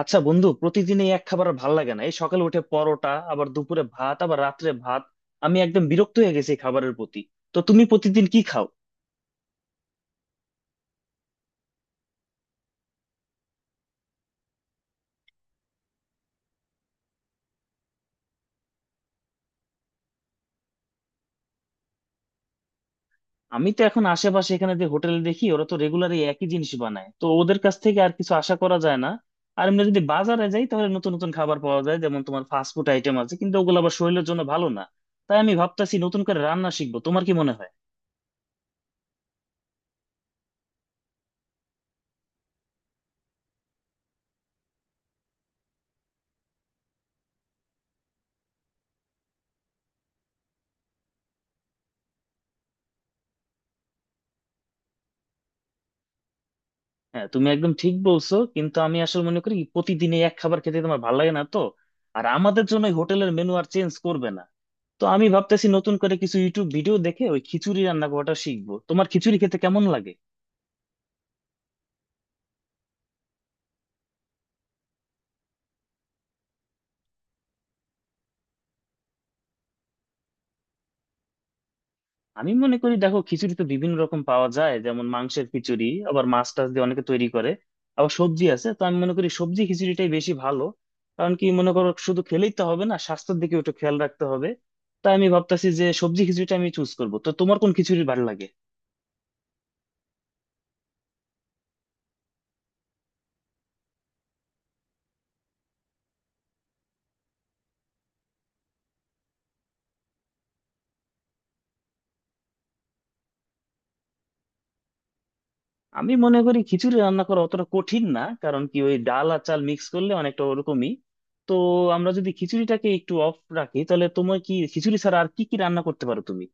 আচ্ছা বন্ধু, প্রতিদিন এই এক খাবার আর ভাল লাগে না। এই সকালে উঠে পরোটা, আবার দুপুরে ভাত, আবার রাত্রে ভাত। আমি একদম বিরক্ত হয়ে গেছি এই খাবারের প্রতি। তো তুমি প্রতিদিন কি খাও? আমি তো এখন আশেপাশে এখানে যে হোটেল দেখি, ওরা তো রেগুলার এই একই জিনিস বানায়, তো ওদের কাছ থেকে আর কিছু আশা করা যায় না। আর এমনি যদি বাজারে যাই, তাহলে নতুন নতুন খাবার পাওয়া যায়, যেমন তোমার ফাস্ট ফুড আইটেম আছে, কিন্তু ওগুলো আবার শরীরের জন্য ভালো না। তাই আমি ভাবতেছি নতুন করে রান্না শিখবো, তোমার কি মনে হয়? হ্যাঁ, তুমি একদম ঠিক বলছো, কিন্তু আমি আসলে মনে করি প্রতিদিন এই এক খাবার খেতে তোমার ভালো লাগে না তো। আর আমাদের জন্য হোটেলের মেনু আর চেঞ্জ করবে না। তো আমি ভাবতেছি নতুন করে কিছু ইউটিউব ভিডিও দেখে ওই খিচুড়ি রান্না করাটা শিখবো, তোমার খিচুড়ি খেতে কেমন লাগে? আমি মনে করি, দেখো, খিচুড়ি তো বিভিন্ন রকম পাওয়া যায়, যেমন মাংসের খিচুড়ি, আবার মাছ টাছ দিয়ে অনেকে তৈরি করে, আবার সবজি আছে। তো আমি মনে করি সবজি খিচুড়িটাই বেশি ভালো। কারণ কি মনে করো, শুধু খেলেই তো হবে না, স্বাস্থ্যের দিকে একটু খেয়াল রাখতে হবে। তাই আমি ভাবতেছি যে সবজি খিচুড়িটা আমি চুজ করবো, তো তোমার কোন খিচুড়ি ভালো লাগে? আমি মনে করি খিচুড়ি রান্না করা অতটা কঠিন না, কারণ কি ওই ডাল আর চাল মিক্স করলে অনেকটা ওরকমই। তো আমরা যদি খিচুড়িটাকে একটু অফ রাখি, তাহলে তোমার কি খিচুড়ি ছাড়া আর কি কি রান্না করতে পারো তুমি?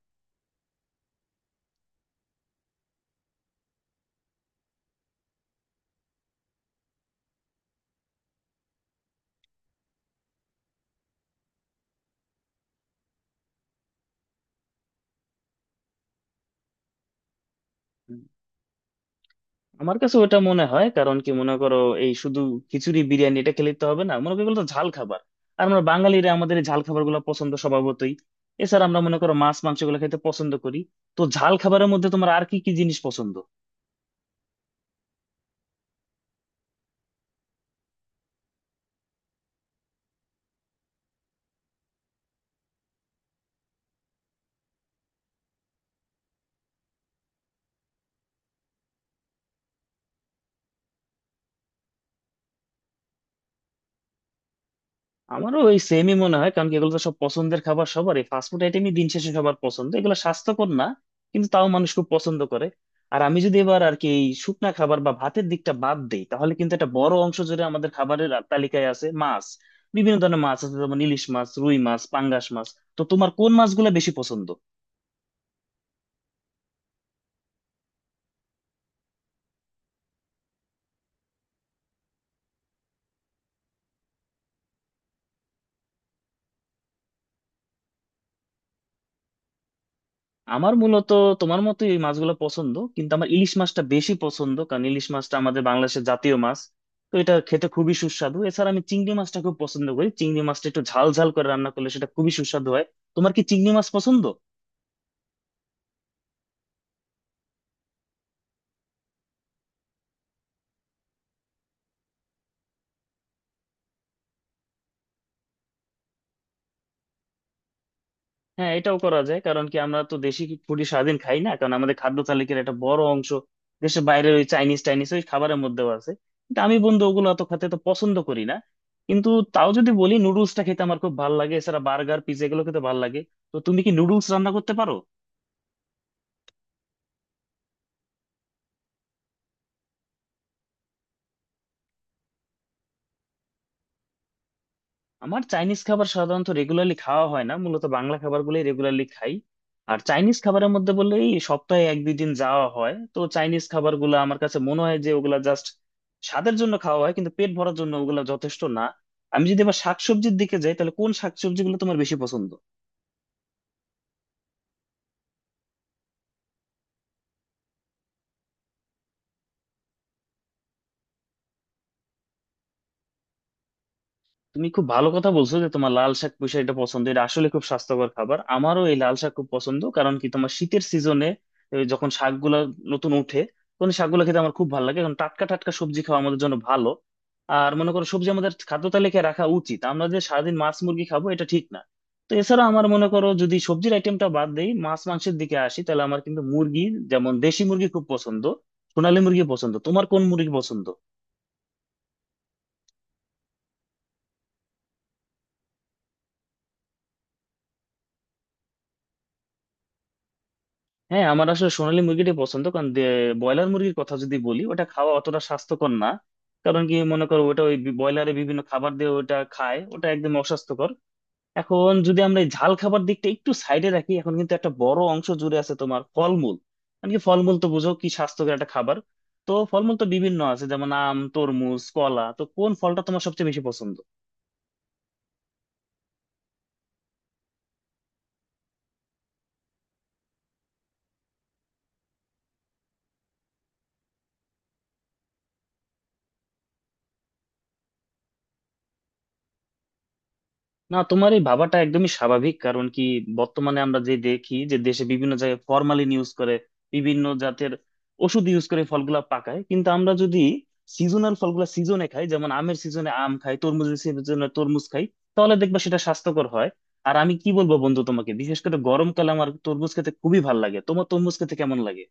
আমার কাছে ওটা মনে হয়, কারণ কি মনে করো, এই শুধু খিচুড়ি বিরিয়ানি এটা খেলে তো হবে না, মনে করো এগুলো তো ঝাল খাবার। আর আমরা বাঙালিরা আমাদের এই ঝাল খাবার গুলো পছন্দ স্বভাবতই। এছাড়া আমরা মনে করো মাছ মাংস গুলো খেতে পছন্দ করি। তো ঝাল খাবারের মধ্যে তোমার আর কি কি জিনিস পছন্দ? আমারও ওই সেমই মনে হয়, কারণ কি এগুলো তো সব পছন্দের খাবার সবার। এই ফাস্টফুড আইটেমই দিন শেষে সবার পছন্দ, এগুলো স্বাস্থ্যকর না, কিন্তু তাও মানুষ খুব পছন্দ করে। আর আমি যদি এবার আর কি এই শুকনা খাবার বা ভাতের দিকটা বাদ দিই, তাহলে কিন্তু একটা বড় অংশ জুড়ে আমাদের খাবারের তালিকায় আছে মাছ। বিভিন্ন ধরনের মাছ আছে, যেমন ইলিশ মাছ, রুই মাছ, পাঙ্গাস মাছ। তো তোমার কোন মাছগুলো বেশি পছন্দ? আমার মূলত তোমার মতো এই মাছগুলো পছন্দ, কিন্তু আমার ইলিশ মাছটা বেশি পছন্দ, কারণ ইলিশ মাছটা আমাদের বাংলাদেশের জাতীয় মাছ। তো এটা খেতে খুবই সুস্বাদু। এছাড়া আমি চিংড়ি মাছটা খুব পছন্দ করি, চিংড়ি মাছটা একটু ঝাল ঝাল করে রান্না করলে সেটা খুবই সুস্বাদু হয়। তোমার কি চিংড়ি মাছ পছন্দ? হ্যাঁ, এটাও করা যায়, কারণ কি আমরা তো দেশি ফুডই সারাদিন খাই না, কারণ আমাদের খাদ্য তালিকার একটা বড় অংশ দেশের বাইরে ওই চাইনিজ টাইনিজ ওই খাবারের মধ্যেও আছে। কিন্তু আমি বন্ধু ওগুলো অত খেতে তো পছন্দ করি না। কিন্তু তাও যদি বলি নুডলসটা খেতে আমার খুব ভালো লাগে, এছাড়া বার্গার পিৎজা এগুলো খেতে ভালো লাগে। তো তুমি কি নুডলস রান্না করতে পারো? আমার চাইনিজ খাবার সাধারণত রেগুলারলি খাওয়া হয় না, মূলত বাংলা খাবারগুলোই রেগুলারলি খাই। আর চাইনিজ খাবারের মধ্যে বললে এই সপ্তাহে এক দুই দিন যাওয়া হয়। তো চাইনিজ খাবারগুলো আমার কাছে মনে হয় যে ওগুলা জাস্ট স্বাদের জন্য খাওয়া হয়, কিন্তু পেট ভরার জন্য ওগুলা যথেষ্ট না। আমি যদি আবার শাকসবজির দিকে যাই, তাহলে কোন শাকসবজিগুলো তোমার বেশি পছন্দ? তুমি খুব ভালো কথা বলছো যে তোমার লাল শাক পুঁই শাক এটা পছন্দ। এটা আসলে খুব স্বাস্থ্যকর খাবার, আমারও এই লাল শাক খুব পছন্দ। কারণ কি তোমার শীতের সিজনে যখন শাকগুলা নতুন উঠে, তখন এই শাকগুলো খেতে আমার খুব ভালো লাগে, কারণ টাটকা টাটকা সবজি খাওয়া আমাদের জন্য ভালো। আর মনে করো সবজি আমাদের খাদ্য তালিকায় রাখা উচিত, আমরা যে সারাদিন মাছ মুরগি খাবো এটা ঠিক না। তো এছাড়া আমার মনে করো, যদি সবজির আইটেমটা বাদ দেই, মাছ মাংসের দিকে আসি, তাহলে আমার কিন্তু মুরগি, যেমন দেশি মুরগি খুব পছন্দ, সোনালী মুরগি পছন্দ। তোমার কোন মুরগি পছন্দ? হ্যাঁ, আমার আসলে সোনালী মুরগিটাই পছন্দ, কারণ ব্রয়লার মুরগির কথা যদি বলি, ওটা খাওয়া অতটা স্বাস্থ্যকর না। কারণ কি মনে করো, ওটা ওই ব্রয়লারে বিভিন্ন খাবার দিয়ে ওটা খায়, ওটা একদম অস্বাস্থ্যকর। এখন যদি আমরা এই ঝাল খাবার দিকটা একটু সাইডে রাখি, এখন কিন্তু একটা বড় অংশ জুড়ে আছে তোমার ফলমূল। মানে কি ফলমূল তো বুঝো, কি স্বাস্থ্যকর একটা খাবার। তো ফলমূল তো বিভিন্ন আছে, যেমন আম, তরমুজ, কলা। তো কোন ফলটা তোমার সবচেয়ে বেশি পছন্দ? না, তোমার এই ভাবাটা একদমই স্বাভাবিক, কারণ কি বর্তমানে আমরা যে দেখি যে দেশে বিভিন্ন জায়গায় ফরমালিন ইউজ করে, বিভিন্ন জাতের ওষুধ ইউজ করে ফলগুলা পাকায়। কিন্তু আমরা যদি সিজনাল ফলগুলা সিজনে খাই, যেমন আমের সিজনে আম খাই, তরমুজের সিজনে তরমুজ খাই, তাহলে দেখবা সেটা স্বাস্থ্যকর হয়। আর আমি কি বলবো বন্ধু তোমাকে, বিশেষ করে গরমকালে আমার তরমুজ খেতে খুবই ভালো লাগে। তোমার তরমুজ খেতে কেমন লাগে?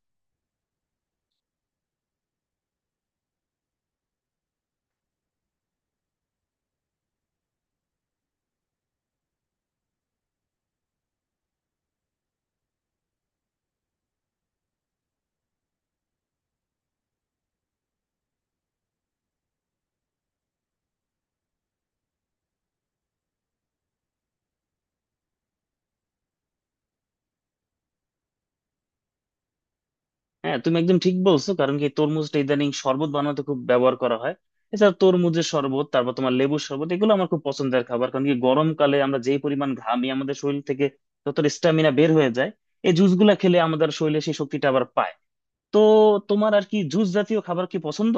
হ্যাঁ, তুমি একদম ঠিক বলছো, কারণ কি তরমুজটা ইদানিং শরবত বানাতে খুব ব্যবহার করা হয়। এছাড়া তরমুজের শরবত, তারপর তোমার লেবুর শরবত, এগুলো আমার খুব পছন্দের খাবার। কারণ কি গরমকালে আমরা যেই পরিমাণ ঘামি, আমাদের শরীর থেকে যতটা স্ট্যামিনা বের হয়ে যায়, এই জুস গুলা খেলে আমাদের শরীরে সেই শক্তিটা আবার পায়। তো তোমার আর কি জুস জাতীয় খাবার কি পছন্দ?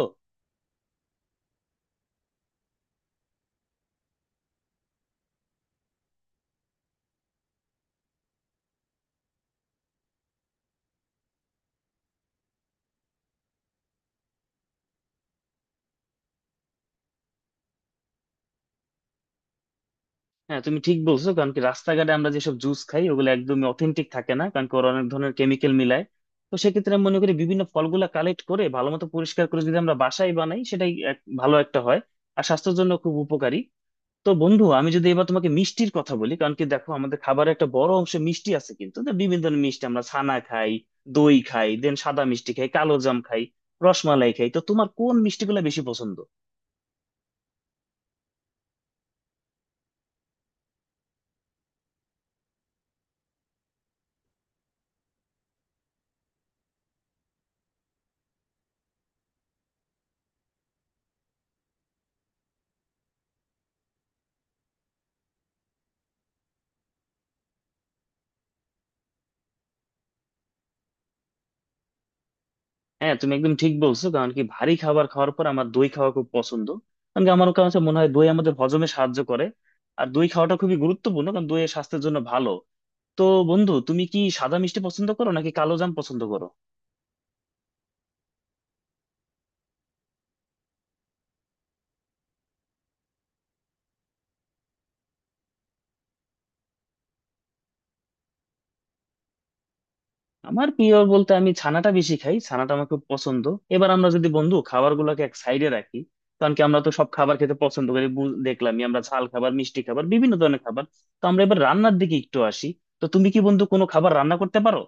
হ্যাঁ, তুমি ঠিক বলছো, কারণ কি রাস্তাঘাটে আমরা যেসব জুস খাই ওগুলো একদমই অথেন্টিক থাকে না, কারণ কি ওরা অনেক ধরনের কেমিক্যাল মিলায়। তো সেক্ষেত্রে আমি মনে করি বিভিন্ন ফলগুলা কালেক্ট করে ভালো মতো পরিষ্কার করে যদি আমরা বাসায় বানাই, সেটাই ভালো একটা হয়। আর স্বাস্থ্যের জন্য খুব উপকারী। তো বন্ধু, আমি যদি এবার তোমাকে মিষ্টির কথা বলি, কারণ কি দেখো আমাদের খাবারে একটা বড় অংশ মিষ্টি আছে কিন্তু। তো বিভিন্ন ধরনের মিষ্টি আমরা ছানা খাই, দই খাই, দেন সাদা মিষ্টি খাই, কালো জাম খাই, রসমালাই খাই। তো তোমার কোন মিষ্টিগুলো বেশি পছন্দ? হ্যাঁ, তুমি একদম ঠিক বলছো, কারণ কি ভারী খাবার খাওয়ার পর আমার দই খাওয়া খুব পছন্দ। কারণ কি আমার কাছে মনে হয় দই আমাদের হজমে সাহায্য করে। আর দই খাওয়াটা খুবই গুরুত্বপূর্ণ, কারণ দই স্বাস্থ্যের জন্য ভালো। তো বন্ধু, তুমি কি সাদা মিষ্টি পছন্দ করো নাকি কালো জাম পছন্দ করো? আমার প্রিয় বলতে আমি ছানাটা বেশি খাই, ছানাটা আমার খুব পছন্দ। এবার আমরা যদি বন্ধু খাবার গুলাকে এক সাইডে রাখি, কারণ কি আমরা তো সব খাবার খেতে পছন্দ করি, দেখলামই আমরা ঝাল খাবার, মিষ্টি খাবার, বিভিন্ন ধরনের খাবার। তো আমরা এবার রান্নার দিকে একটু আসি। তো তুমি কি বন্ধু কোনো খাবার রান্না করতে পারো?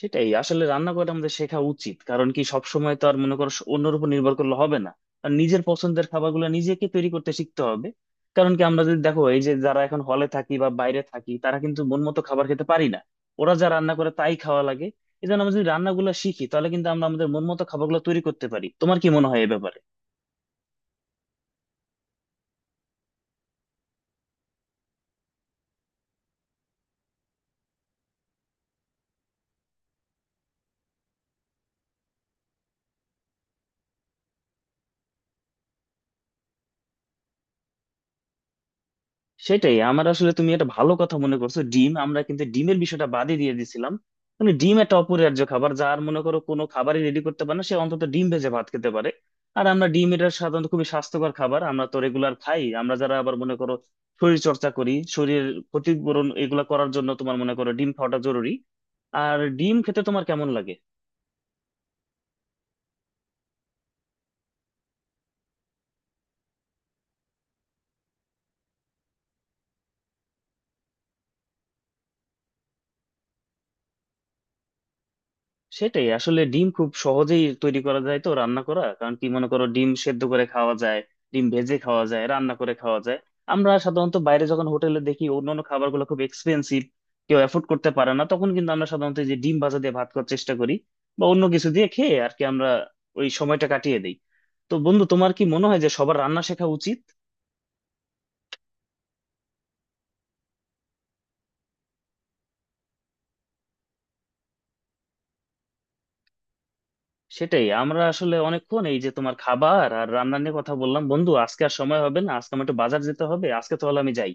সেটাই আসলে রান্না করা আমাদের শেখা উচিত, কারণ কি সবসময় তো আর মনে করো অন্যের উপর নির্ভর করলে হবে না। আর নিজের পছন্দের খাবারগুলো নিজেকে তৈরি করতে শিখতে হবে। কারণ কি আমরা যদি দেখো, এই যে যারা এখন হলে থাকি বা বাইরে থাকি, তারা কিন্তু মন মতো খাবার খেতে পারি না, ওরা যা রান্না করে তাই খাওয়া লাগে। এই জন্য আমরা যদি রান্নাগুলো শিখি, তাহলে কিন্তু আমরা আমাদের মন মতো খাবারগুলো তৈরি করতে পারি। তোমার কি মনে হয় এই ব্যাপারে? সেটাই, আমার আসলে, তুমি একটা ভালো কথা মনে করছো। ডিম আমরা কিন্তু ডিমের বিষয়টা বাদই দিয়ে দিছিলাম। মানে ডিম একটা অপরিহার্য খাবার, যার মনে করো কোনো খাবারই রেডি করতে পারে না, সে অন্তত ডিম ভেজে ভাত খেতে পারে। আর আমরা ডিম, এটা সাধারণত খুবই স্বাস্থ্যকর খাবার, আমরা তো রেগুলার খাই। আমরা যারা আবার মনে করো শরীর চর্চা করি, শরীরের ক্ষতিপূরণ এগুলা করার জন্য তোমার মনে করো ডিম খাওয়াটা জরুরি। আর ডিম খেতে তোমার কেমন লাগে? সেটাই আসলে ডিম খুব সহজেই তৈরি করা যায়, তো রান্না করা, কারণ কি মনে করো ডিম সেদ্ধ করে খাওয়া যায়, ডিম ভেজে খাওয়া যায়, রান্না করে খাওয়া যায়। আমরা সাধারণত বাইরে যখন হোটেলে দেখি অন্যান্য খাবারগুলো খুব এক্সপেন্সিভ, কেউ অ্যাফোর্ড করতে পারে না, তখন কিন্তু আমরা সাধারণত এই যে ডিম ভাজা দিয়ে ভাত খাওয়ার চেষ্টা করি, বা অন্য কিছু দিয়ে খেয়ে আর কি আমরা ওই সময়টা কাটিয়ে দিই। তো বন্ধু, তোমার কি মনে হয় যে সবার রান্না শেখা উচিত? সেটাই, আমরা আসলে অনেকক্ষণ এই যে তোমার খাবার আর রান্না নিয়ে কথা বললাম বন্ধু, আজকে আর সময় হবে না, আজকে আমার একটু বাজার যেতে হবে। আজকে তাহলে আমি যাই।